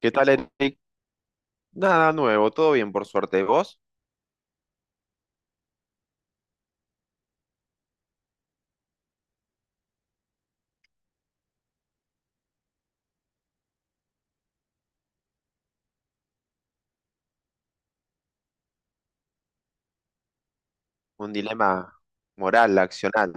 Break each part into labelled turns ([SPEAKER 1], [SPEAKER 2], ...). [SPEAKER 1] ¿Qué tal, Eric? Nada nuevo, todo bien por suerte. ¿Vos? Un dilema moral, accional.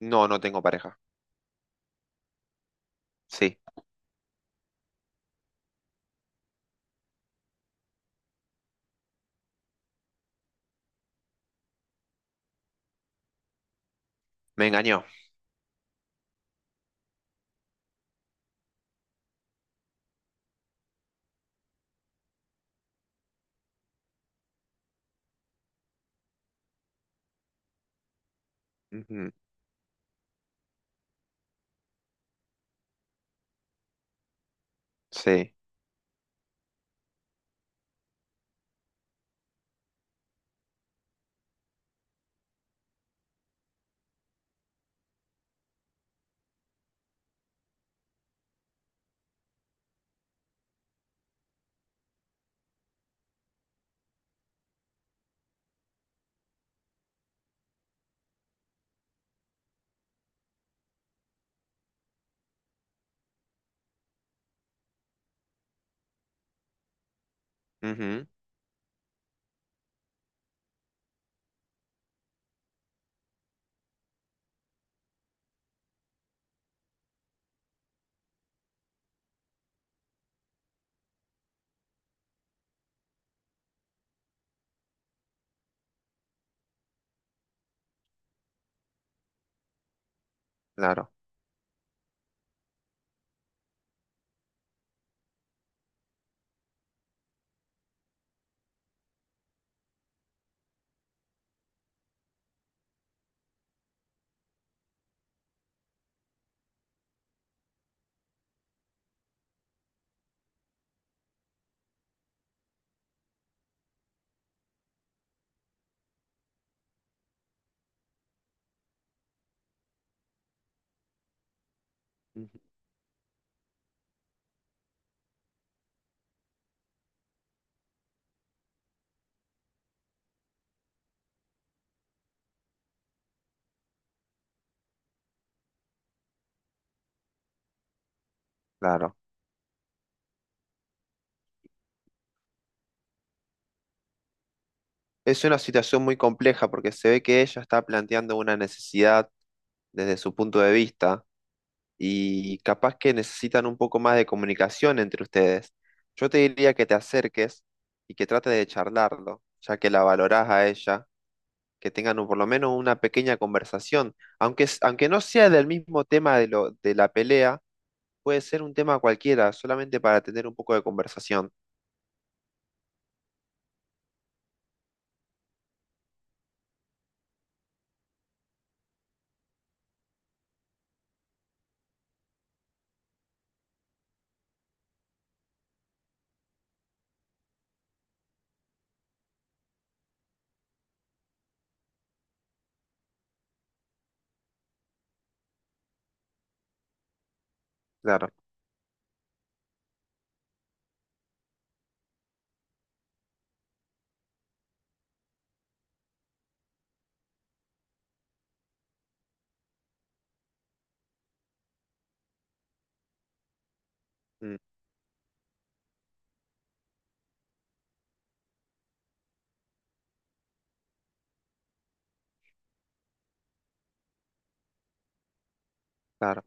[SPEAKER 1] No tengo pareja. Sí, me engañó. Ujú. Sí. Ujú. Claro. Ujú. Claro. Es una situación muy compleja porque se ve que ella está planteando una necesidad desde su punto de vista y capaz que necesitan un poco más de comunicación entre ustedes. Yo te diría que te acerques y que trate de charlarlo, ya que la valorás a ella, que tengan por lo menos una pequeña conversación, aunque, aunque no sea del mismo tema de la pelea, puede ser un tema cualquiera, solamente para tener un poco de conversación. Claro. Mm. Claro,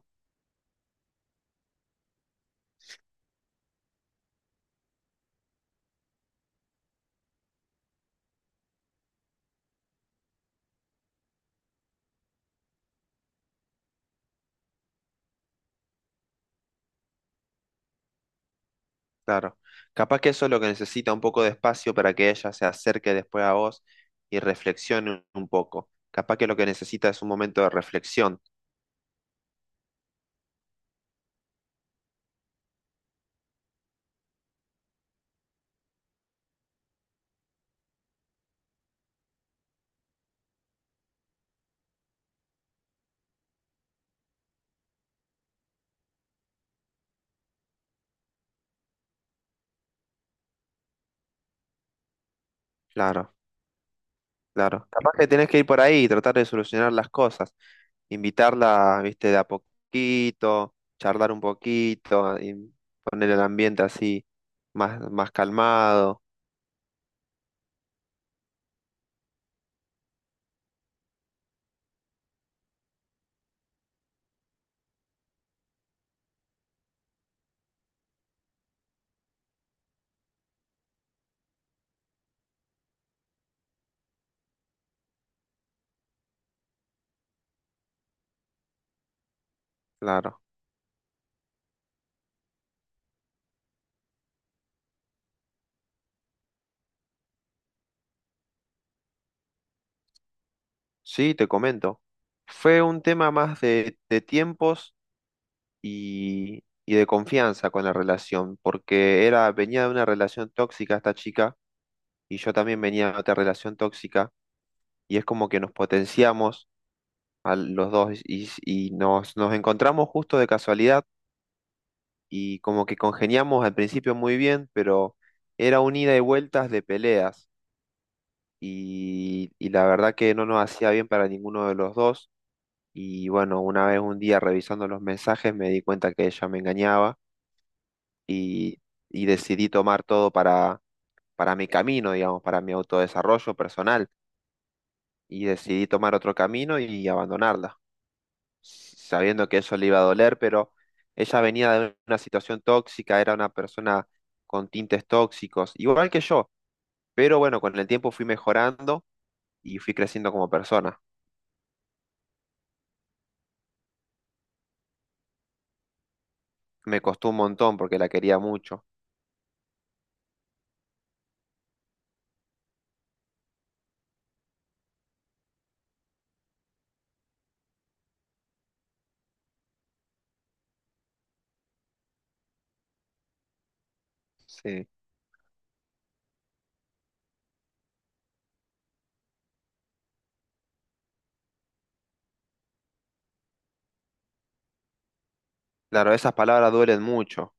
[SPEAKER 1] claro. Capaz que eso es lo que necesita, un poco de espacio para que ella se acerque después a vos y reflexione un poco. Capaz que lo que necesita es un momento de reflexión. Claro. Claro, capaz que tenés que ir por ahí y tratar de solucionar las cosas, invitarla, viste, de a poquito, charlar un poquito, y poner el ambiente así más calmado, claro. Sí, te comento. Fue un tema más de tiempos y de confianza con la relación, porque era, venía de una relación tóxica esta chica, y yo también venía de otra relación tóxica, y es como que nos potenciamos a los dos y nos encontramos justo de casualidad y como que congeniamos al principio muy bien, pero era un ida y vueltas de peleas y la verdad que no nos hacía bien para ninguno de los dos. Y bueno, una vez un día revisando los mensajes me di cuenta que ella me engañaba y, y decidí tomar todo para mi camino, digamos, para mi autodesarrollo personal, y decidí tomar otro camino y abandonarla, sabiendo que eso le iba a doler. Pero ella venía de una situación tóxica, era una persona con tintes tóxicos, igual que yo, pero bueno, con el tiempo fui mejorando y fui creciendo como persona. Me costó un montón porque la quería mucho. Sí. Claro, esas palabras duelen mucho,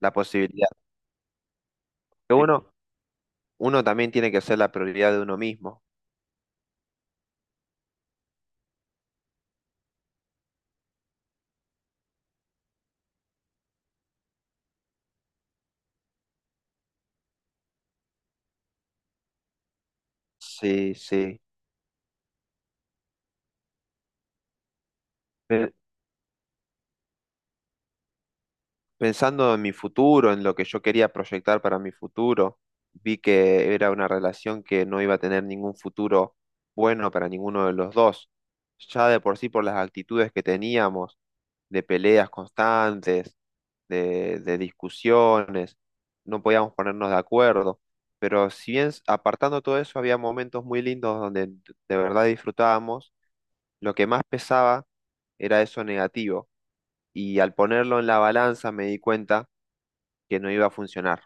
[SPEAKER 1] la posibilidad. Pero sí. Uno, uno también tiene que ser la prioridad de uno mismo. Sí, sí. Pero, pensando en mi futuro, en lo que yo quería proyectar para mi futuro, vi que era una relación que no iba a tener ningún futuro bueno para ninguno de los dos. Ya de por sí por las actitudes que teníamos, de peleas constantes, de discusiones, no podíamos ponernos de acuerdo. Pero si bien apartando todo eso, había momentos muy lindos donde de verdad disfrutábamos, lo que más pesaba era eso negativo. Y al ponerlo en la balanza me di cuenta que no iba a funcionar.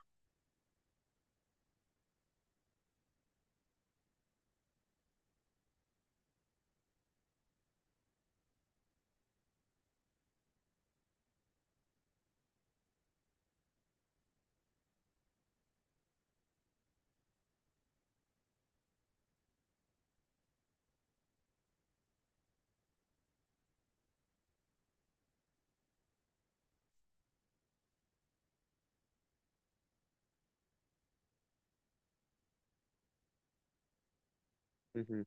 [SPEAKER 1] Ujú.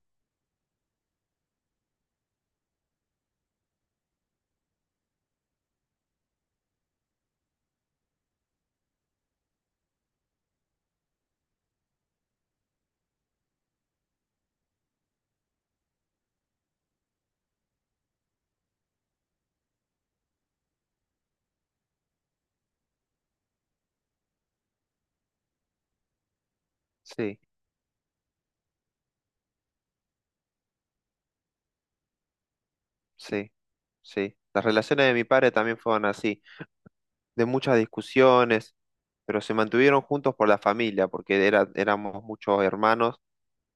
[SPEAKER 1] Sí, sí, sí. Las relaciones de mi padre también fueron así, de muchas discusiones, pero se mantuvieron juntos por la familia, porque era, éramos muchos hermanos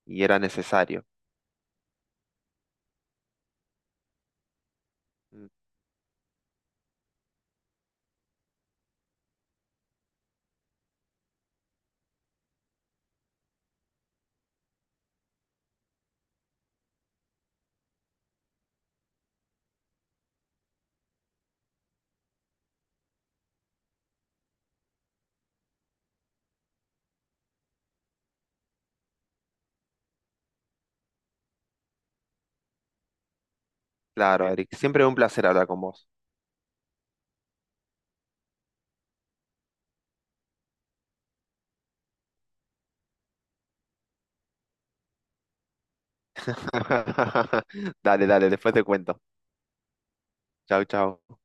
[SPEAKER 1] y era necesario. Mm. Claro, Eric, siempre un placer hablar con vos. Dale, dale, después te cuento. Chau, chau.